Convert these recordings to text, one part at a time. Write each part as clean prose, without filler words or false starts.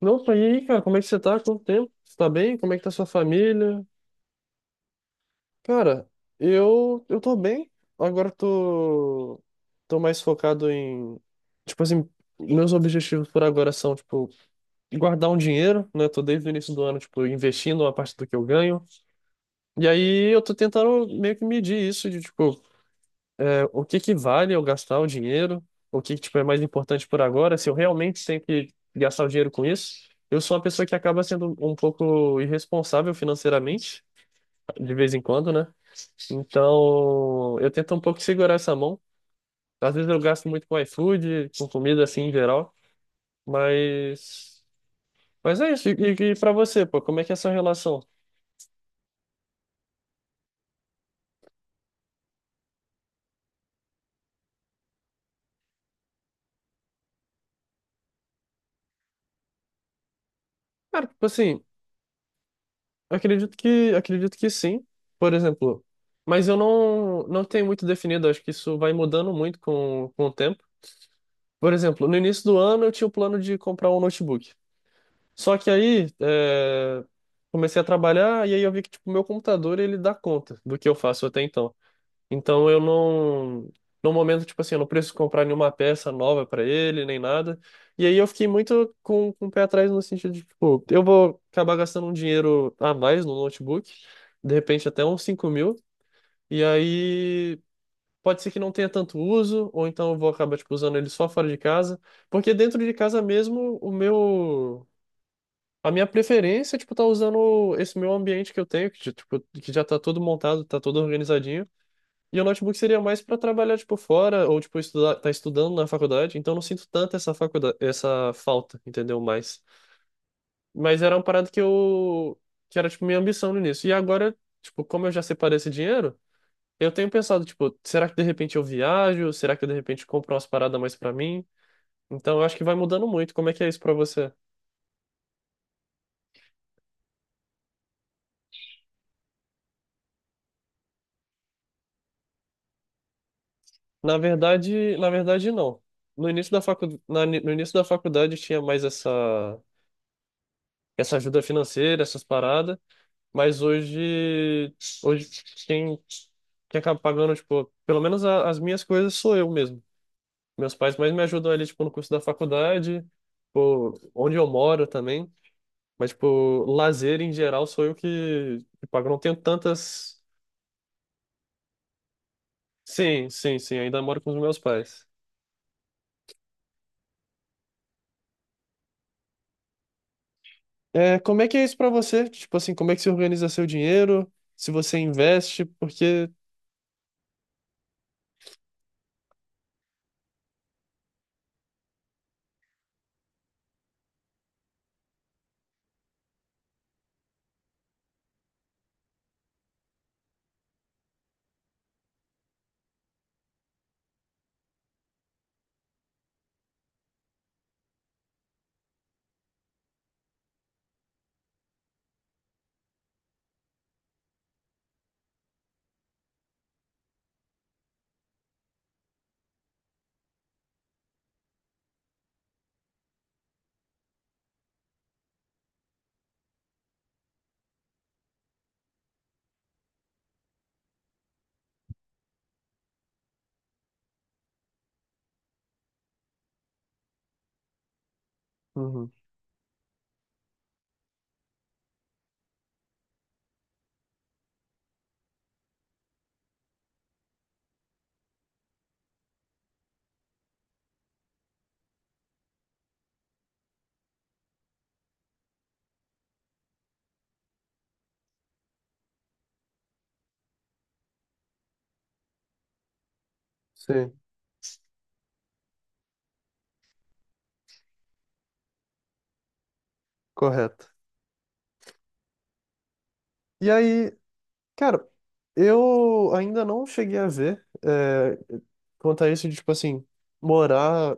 Opa, e aí, cara, como é que você tá? Quanto tempo? Você tá bem? Como é que tá sua família? Cara, eu tô bem. Agora eu tô mais focado em, tipo assim, meus objetivos por agora são, tipo, guardar um dinheiro, né? Tô desde o início do ano, tipo, investindo uma parte do que eu ganho. E aí eu tô tentando meio que medir isso de, tipo, o que que vale eu gastar o dinheiro? O que que, tipo, é mais importante por agora? Se eu realmente tenho que gastar o dinheiro com isso? Eu sou uma pessoa que acaba sendo um pouco irresponsável financeiramente, de vez em quando, né? Então, eu tento um pouco segurar essa mão. Às vezes eu gasto muito com iFood, com comida assim em geral, mas mas é isso. E para você, pô, como é que é a sua relação? Cara, tipo assim, acredito que sim, por exemplo. Mas eu não tenho muito definido, acho que isso vai mudando muito com o tempo. Por exemplo, no início do ano eu tinha o plano de comprar um notebook. Só que aí comecei a trabalhar e aí eu vi que tipo, meu computador ele dá conta do que eu faço até então. Então eu não, no momento, tipo assim, eu não preciso comprar nenhuma peça nova para ele, nem nada. E aí eu fiquei muito com o pé atrás no sentido de, tipo, eu vou acabar gastando um dinheiro a mais no notebook, de repente até uns 5 mil, e aí pode ser que não tenha tanto uso, ou então eu vou acabar, tipo, usando ele só fora de casa, porque dentro de casa mesmo, a minha preferência é, tipo, tá usando esse meu ambiente que eu tenho, que, tipo, que já tá todo montado, tá todo organizadinho, e o notebook seria mais para trabalhar, tipo, fora ou, tipo, estudar, tá estudando na faculdade. Então, eu não sinto tanto essa falta, entendeu? Mais. Mas era uma parada que era, tipo, minha ambição no início. E agora, tipo, como eu já separei esse dinheiro, eu tenho pensado, tipo, será que de repente eu viajo? Será que eu, de repente compro umas paradas mais para mim? Então, eu acho que vai mudando muito. Como é que é isso para você? Na verdade, não. No início da facu... na- No início da faculdade tinha mais essa ajuda financeira, essas paradas. Mas hoje, hoje quem, quem acaba pagando, tipo, pelo menos as minhas coisas sou eu mesmo. Meus pais mais me ajudam ali, tipo, no curso da faculdade, tipo, onde eu moro também. Mas, tipo, lazer em geral sou eu que pago. Eu não tenho tantas. Sim, sim, sim, ainda moro com os meus pais. É, como é que é isso pra você? Tipo assim, como é que você organiza seu dinheiro? Se você investe, porque. Uhum, sim, correto. E aí, cara, eu ainda não cheguei a ver quanto a isso de, tipo assim, morar,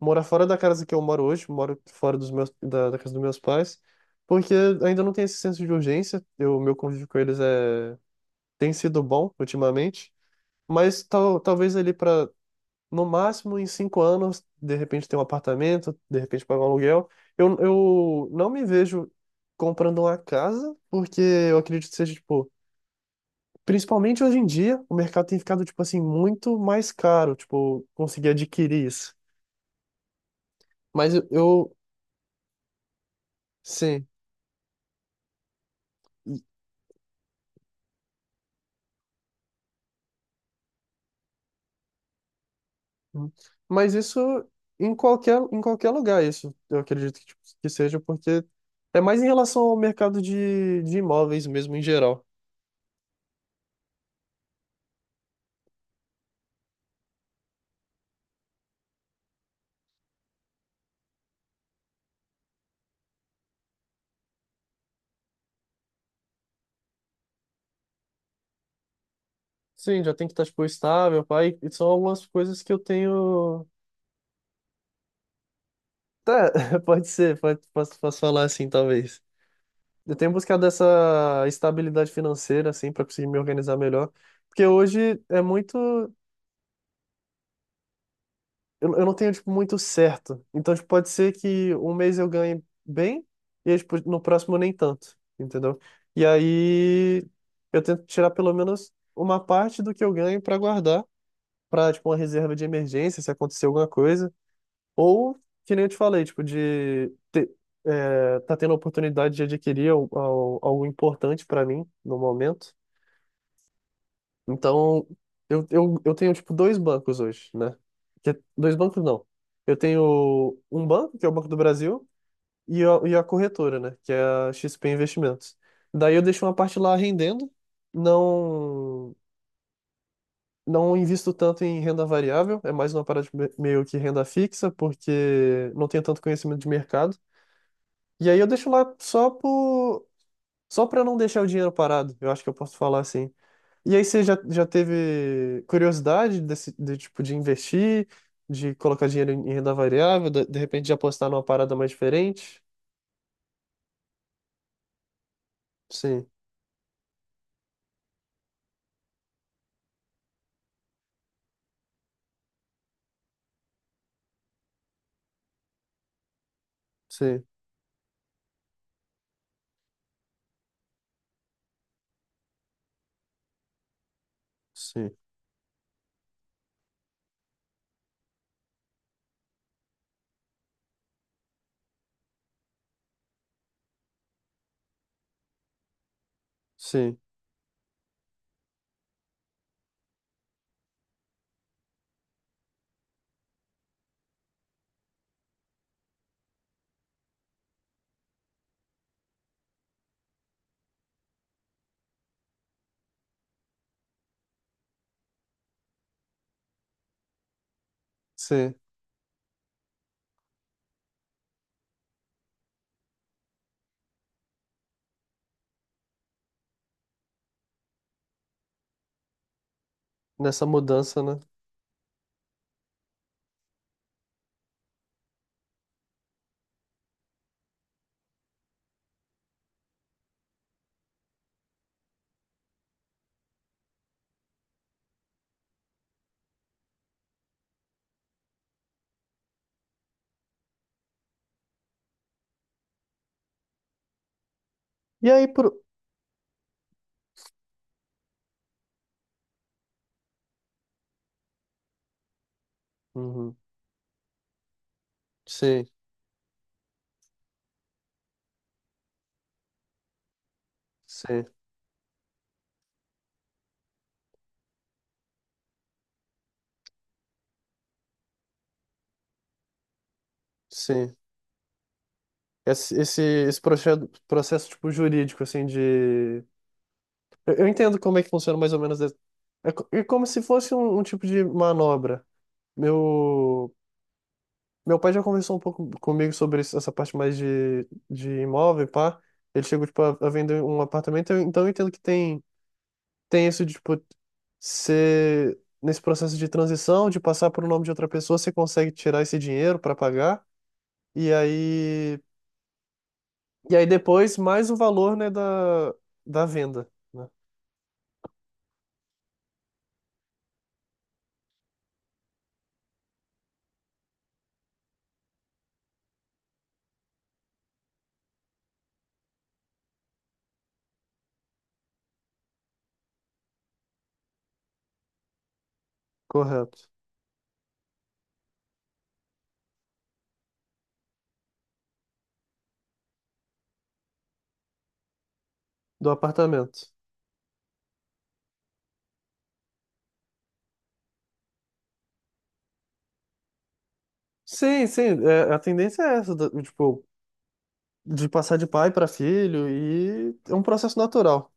morar fora da casa que eu moro hoje, moro fora da casa dos meus pais, porque ainda não tem esse senso de urgência. Meu convívio com eles é, tem sido bom ultimamente, mas talvez ali para, no máximo, em 5 anos, de repente ter um apartamento, de repente pagar um aluguel. Eu não me vejo comprando uma casa, porque eu acredito que seja, tipo, principalmente hoje em dia, o mercado tem ficado, tipo assim, muito mais caro, tipo, conseguir adquirir isso. Mas eu, eu- sim. Mas isso em qualquer lugar, isso eu acredito que, tipo, que seja, porque é mais em relação ao mercado de imóveis mesmo em geral. Sim, já tem que estar, tipo, estável, pai. E são algumas coisas que eu tenho. Tá, pode ser, posso falar assim, talvez. Eu tenho buscado essa estabilidade financeira, assim, para conseguir me organizar melhor, porque hoje é muito. Eu não tenho, tipo, muito certo. Então, tipo, pode ser que um mês eu ganhe bem e, aí, tipo, no próximo nem tanto, entendeu? E aí eu tento tirar pelo menos uma parte do que eu ganho para guardar, para, tipo, uma reserva de emergência, se acontecer alguma coisa. Ou, que nem eu te falei, tipo, tá tendo a oportunidade de adquirir algo importante para mim no momento. Então, eu tenho, tipo, dois bancos hoje, né? Dois bancos não. Eu tenho um banco, que é o Banco do Brasil, e a corretora, né? Que é a XP Investimentos. Daí eu deixo uma parte lá rendendo, não, não invisto tanto em renda variável, é mais uma parada de meio que renda fixa, porque não tenho tanto conhecimento de mercado. E aí eu deixo lá só para não deixar o dinheiro parado. Eu acho que eu posso falar assim. E aí você já teve curiosidade desse de, tipo de investir, de colocar dinheiro em renda variável, de repente de apostar numa parada mais diferente? Sim, sim, sim, sim, sim. Nessa mudança, né? E aí por... Uhum. Sim, sim, sim. Esse, esse, esse processo tipo jurídico assim de eu entendo como é que funciona mais ou menos. É como se fosse um tipo de manobra. Meu, meu pai já conversou um pouco comigo sobre essa parte mais de imóvel, pá. Ele chegou, tipo, a vender um apartamento, então eu entendo que tem isso de, tipo, ser nesse processo de transição, de passar por o nome de outra pessoa, você consegue tirar esse dinheiro para pagar, e aí, e aí depois mais o valor, né, da venda, né? Correto. Do apartamento. Sim, sim, é, a tendência é essa, tipo, de passar de pai para filho e é um processo natural.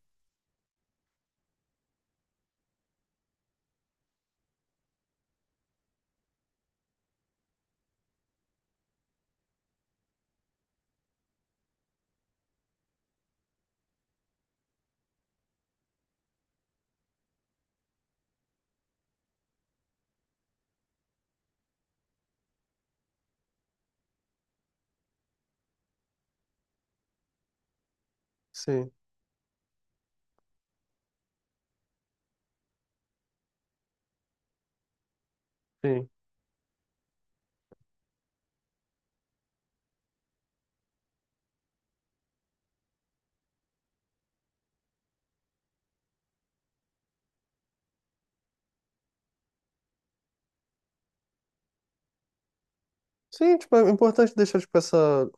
Sim, sim. Sim, tipo, é importante deixar, tipo, essa,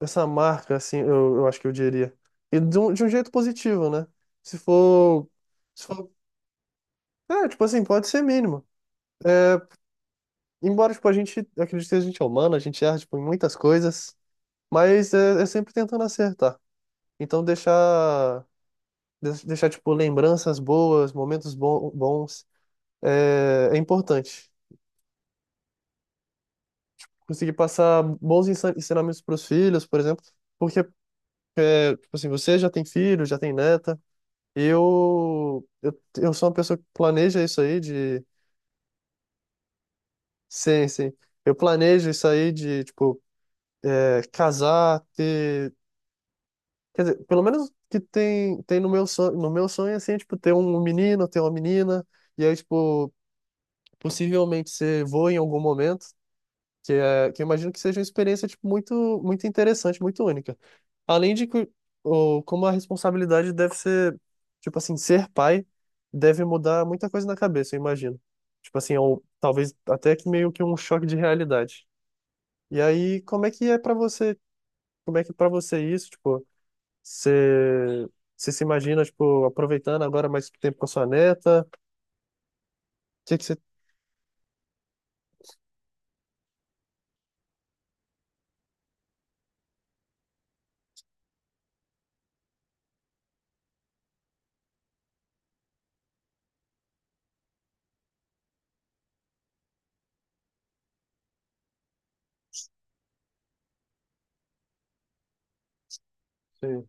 essa marca, assim, eu acho que eu diria. E de um jeito positivo, né? Se for, se for, é, tipo assim, pode ser mínimo. É, embora, tipo, eu acredito que a gente é humano, a gente erra, tipo, em muitas coisas, mas é sempre tentando acertar. Então, deixar, tipo, lembranças boas, momentos bons, é importante. Conseguir passar bons ensinamentos para os filhos, por exemplo, porque, é, tipo assim, você já tem filho, já tem neta, eu sou uma pessoa que planeja isso aí de... Sim, sim. Eu planejo isso aí de, tipo, é, casar, ter... Quer dizer, pelo menos que tem no meu sonho, assim, é, tipo, ter um menino, ter uma menina, e aí, tipo, possivelmente ser vô em algum momento, que eu imagino que seja uma experiência tipo, muito, muito interessante, muito única. Além de que como a responsabilidade deve ser, tipo assim, ser pai deve mudar muita coisa na cabeça, eu imagino. Tipo assim, talvez até que meio que um choque de realidade. E aí, como é que para você isso, tipo, você, você se imagina, tipo, aproveitando agora mais tempo com a sua neta? O que que você... Sim.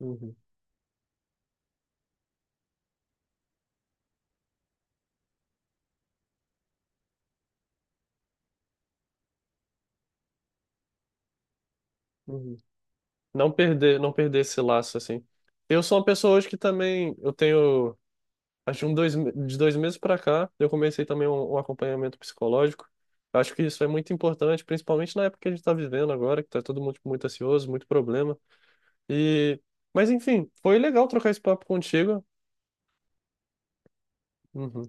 Uhum, uhum. Não perder esse laço, assim. Eu sou uma pessoa hoje que também, eu tenho, acho que de 2 meses pra cá, eu comecei também um acompanhamento psicológico. Eu acho que isso é muito importante, principalmente na época que a gente tá vivendo agora, que tá todo mundo tipo, muito ansioso, muito problema. E, mas enfim, foi legal trocar esse papo contigo. Uhum.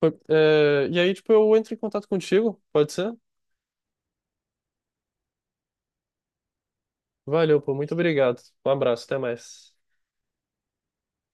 E aí, tipo, eu entro em contato contigo, pode ser? Valeu, pô, muito obrigado. Um abraço, até mais.